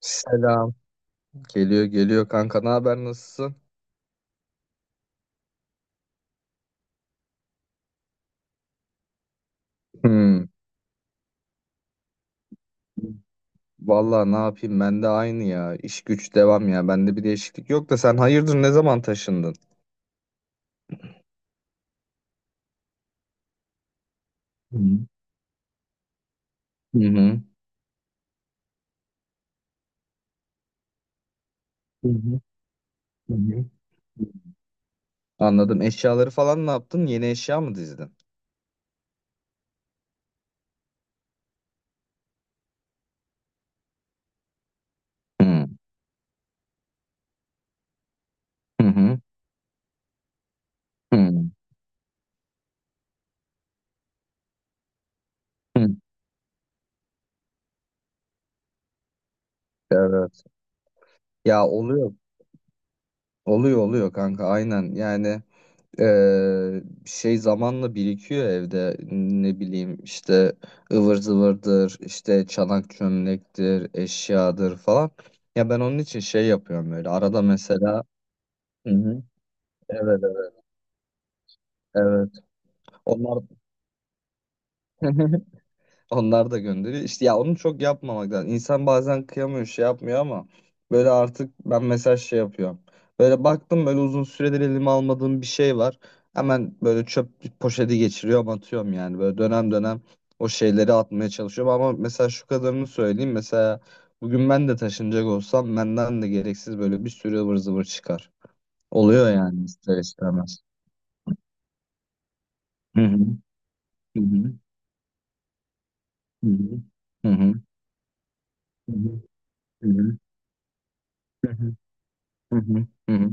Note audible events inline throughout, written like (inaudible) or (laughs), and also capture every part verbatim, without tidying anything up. Selam. Geliyor geliyor kanka, ne haber, nasılsın? Hmm. Vallahi ne yapayım, ben de aynı ya. İş güç devam ya. Bende bir değişiklik yok da sen hayırdır, ne zaman taşındın? Hı hı. Hı hı. Hı hı. Anladım. Eşyaları falan ne yaptın? Yeni eşya mı dizdin? Hı hı. Hı hı. Hı. Evet. Ya oluyor. Oluyor oluyor kanka, aynen yani. Ee, şey zamanla birikiyor evde, ne bileyim işte, ıvır zıvırdır işte, çanak çömlektir, eşyadır falan. Ya ben onun için şey yapıyorum böyle arada mesela. Hı hı. Evet, evet, evet, onlar (laughs) Onlar da gönderiyor. İşte ya onu çok yapmamak lazım. İnsan bazen kıyamıyor, şey yapmıyor ama böyle artık ben mesaj şey yapıyorum. Böyle baktım, böyle uzun süredir elime almadığım bir şey var. Hemen böyle çöp poşeti geçiriyorum, atıyorum yani. Böyle dönem dönem o şeyleri atmaya çalışıyorum ama mesela şu kadarını söyleyeyim. Mesela bugün ben de taşınacak olsam benden de gereksiz böyle bir sürü ıvır zıvır çıkar. Oluyor yani, ister istemez. Hı hı. Hı hı. Hı hı. Hı hı. Hı hı. Hı hı. Hı hı. Hı hı.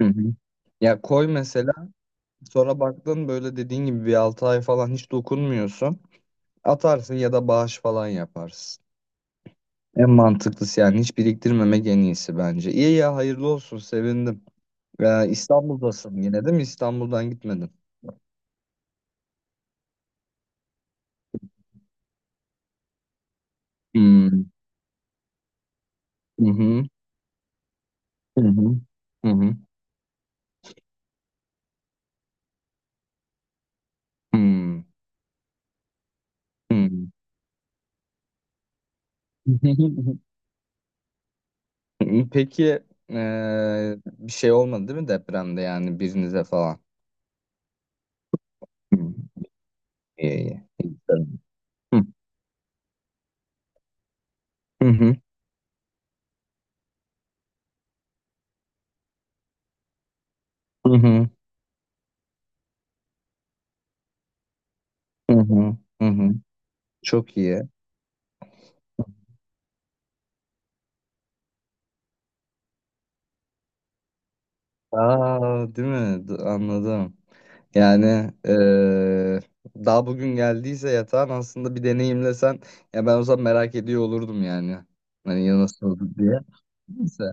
Hı hı. Ya koy mesela, sonra baktın, böyle dediğin gibi bir altı ay falan hiç dokunmuyorsun. Atarsın ya da bağış falan yaparsın. En mantıklısı yani, hiç biriktirmemek en iyisi bence. İyi ya, hayırlı olsun, sevindim. Ya İstanbul'dasın yine değil mi? İstanbul'dan gitmedin. Hmm. Hı hı. Hı hı. Hı hı. Hmm. Hmm. (laughs) Peki eee, bir şey olmadı değil mi depremde, yani birinize falan? Hı. İyi iyi. İyi. Hı hı. Hı hı. Hı hı, hı hı. Çok iyi. Aa, değil mi? D- Anladım. Yani eee, daha bugün geldiyse yatağın, aslında bir deneyimlesen ya, ben o zaman merak ediyor olurdum yani. Hani ya, nasıl oldu diye. Neyse.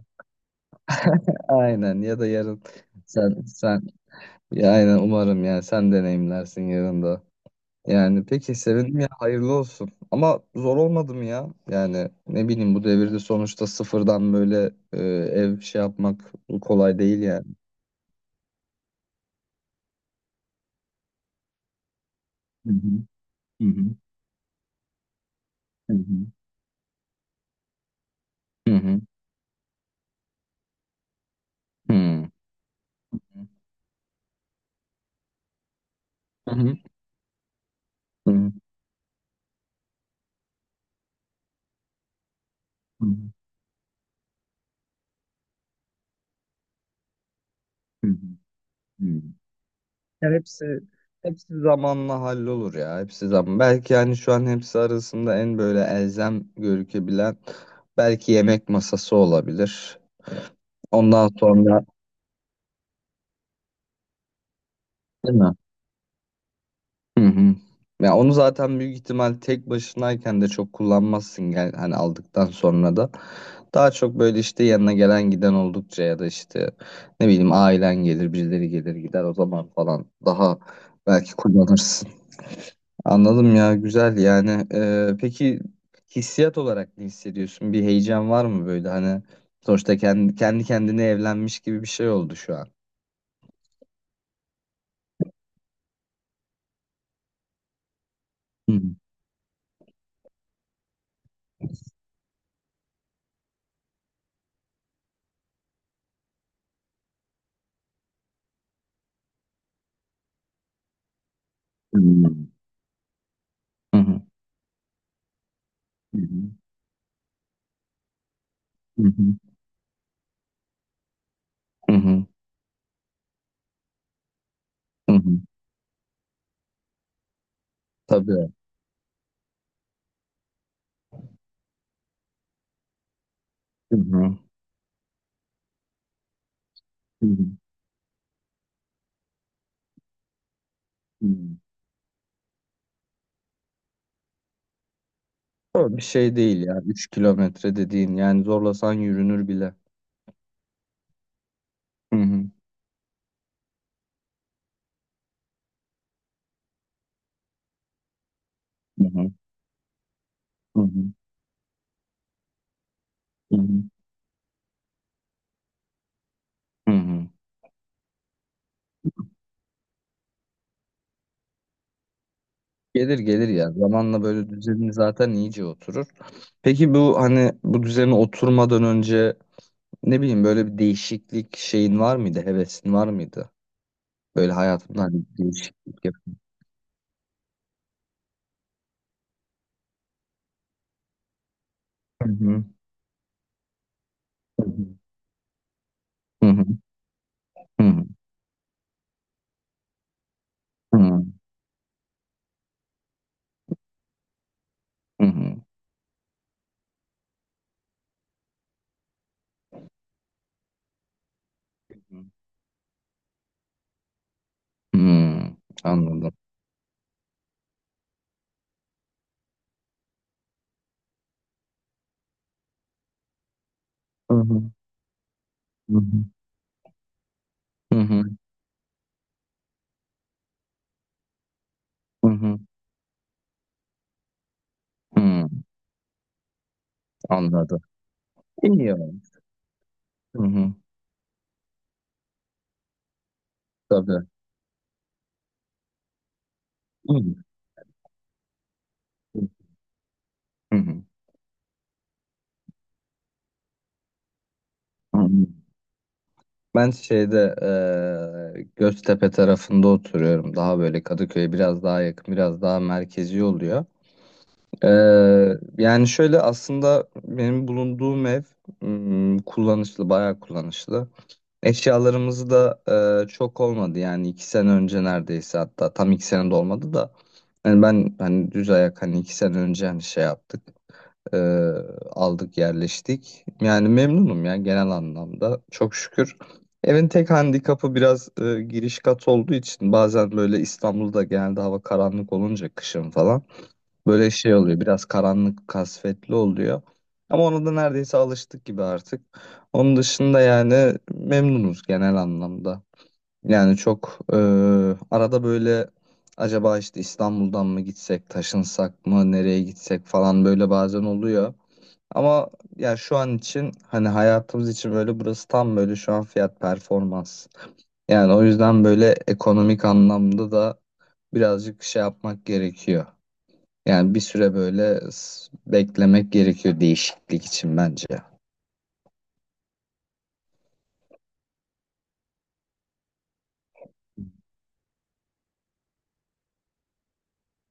Aynen, ya da yarın sen sen ya aynen, umarım yani sen deneyimlersin yarın da. Yani peki, sevindim ya, hayırlı olsun. Ama zor olmadı mı ya? Yani ne bileyim, bu devirde sonuçta sıfırdan böyle eee, ev şey yapmak kolay değil yani. Hı hı. Hı hı. Hı hı. Hı hı. Hı. Hı hı. Hı hı. Hı hı. Hı hı. Ya hepsi hepsi zamanla hallolur ya. Hepsi zaman. Belki yani şu an hepsi arasında en böyle elzem gözükebilen belki yemek masası olabilir. Ondan sonra, değil mi? Hı hı. Ya onu zaten büyük ihtimal tek başınayken de çok kullanmazsın, gel hani aldıktan sonra da. Daha çok böyle işte yanına gelen giden oldukça, ya da işte ne bileyim, ailen gelir, birileri gelir gider o zaman falan, daha belki kullanırsın. Anladım, ya güzel yani. Ee, peki hissiyat olarak ne hissediyorsun? Bir heyecan var mı böyle, hani sonuçta kendi, kendi kendine evlenmiş gibi bir şey oldu şu an. Hı hı. Hı hı. Hı hı. Hı hı. Hı hı. Hı hı. Tabii. Hı hı. Hı hı. Hı. O bir şey değil ya. Üç kilometre dediğin yani, zorlasan yürünür bile. Hı hı. Hı hı. Hı hı. Hı hı. Hı hı. Gelir gelir ya. Zamanla böyle düzeni zaten iyice oturur. Peki bu, hani bu düzene oturmadan önce ne bileyim, böyle bir değişiklik şeyin var mıydı? Hevesin var mıydı? Böyle hayatımda hani bir değişiklik yap. Hı hı. Hı hı. Hı hı. Hı hı. Hı hı. Hı hı. Anladım. Hı hı. Hı hı. Hı hı. Hı hı. Hmm, anladım. İyi ya. Hı hı, tabii. Hı hı, hı hı, anladım. Ben şeyde eee, Göztepe tarafında oturuyorum. Daha böyle Kadıköy'e biraz daha yakın, biraz daha merkezi oluyor. Eee, yani şöyle aslında benim bulunduğum ev hmm, kullanışlı, bayağı kullanışlı. Eşyalarımızı da e, çok olmadı yani, iki sene önce neredeyse, hatta tam iki sene de olmadı da, yani ben hani düz ayak, hani iki sene önce, hani şey yaptık, e, aldık, yerleştik. Yani memnunum ya, genel anlamda çok şükür. Evin tek handikapı biraz e, giriş kat olduğu için bazen böyle İstanbul'da genelde hava karanlık olunca kışın falan böyle şey oluyor, biraz karanlık kasvetli oluyor. Ama ona da neredeyse alıştık gibi artık. Onun dışında yani memnunuz genel anlamda. Yani çok e, arada böyle acaba işte İstanbul'dan mı gitsek, taşınsak mı, nereye gitsek falan böyle bazen oluyor. Ama ya şu an için hani hayatımız için böyle burası tam böyle şu an fiyat performans. Yani o yüzden böyle ekonomik anlamda da birazcık şey yapmak gerekiyor. Yani bir süre böyle s- beklemek gerekiyor değişiklik için bence. Hı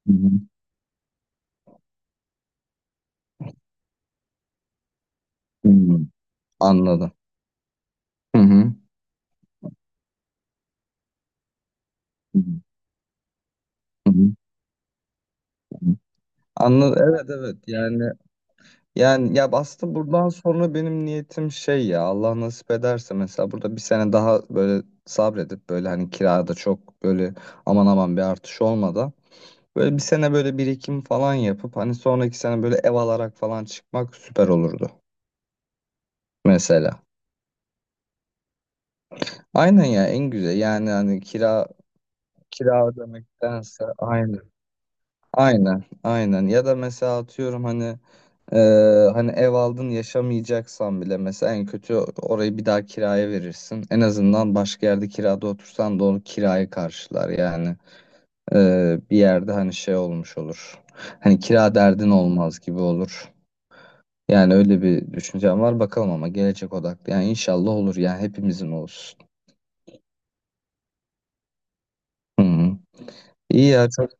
hı. Hı. Anladım. Hı hı. Hı hı. Hı hı. Anladım. Evet evet, yani yani ya, aslında buradan sonra benim niyetim şey, ya Allah nasip ederse mesela burada bir sene daha böyle sabredip, böyle hani kirada çok böyle aman aman bir artış olmadan, böyle bir sene böyle birikim falan yapıp, hani sonraki sene böyle ev alarak falan çıkmak süper olurdu mesela. Aynen ya, en güzel yani, hani kira kira ödemektense aynen aynen aynen, ya da mesela atıyorum hani Ee, hani ev aldın, yaşamayacaksan bile mesela en kötü orayı bir daha kiraya verirsin. En azından başka yerde kirada otursan da onu kiraya karşılar yani. Ee, bir yerde hani şey olmuş olur. Hani kira derdin olmaz gibi olur. Yani öyle bir düşüncem var, bakalım, ama gelecek odaklı. Yani inşallah olur yani, hepimizin olsun. Hı hı. İyi ya, çok.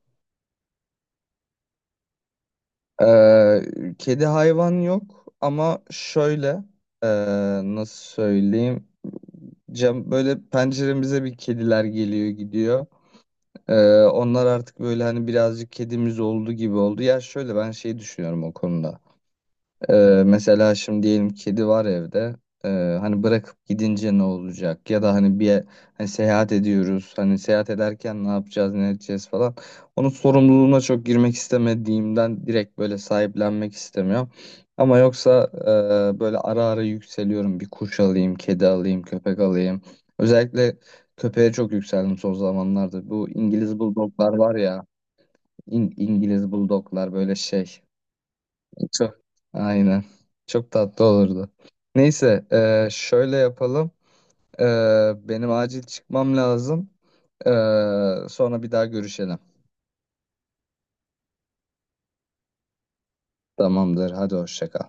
Ee, kedi hayvan yok ama şöyle ee, nasıl söyleyeyim? Cam böyle penceremize bir kediler geliyor gidiyor. Ee, onlar artık böyle hani birazcık kedimiz oldu gibi oldu. Ya şöyle ben şey düşünüyorum o konuda. Ee, mesela şimdi diyelim kedi var evde. Ee, hani bırakıp gidince ne olacak? Ya da hani bir hani seyahat ediyoruz. Hani seyahat ederken ne yapacağız, ne edeceğiz falan. Onun sorumluluğuna çok girmek istemediğimden direkt böyle sahiplenmek istemiyorum. Ama yoksa e, böyle ara ara yükseliyorum. Bir kuş alayım, kedi alayım, köpek alayım. Özellikle köpeğe çok yükseldim son zamanlarda. Bu İngiliz bulldoglar var ya. İn- İngiliz bulldoglar böyle şey. Çok, aynen. Çok tatlı olurdu. Neyse, e, şöyle yapalım. E, benim acil çıkmam lazım. E, sonra bir daha görüşelim. Tamamdır. Hadi hoşça kal.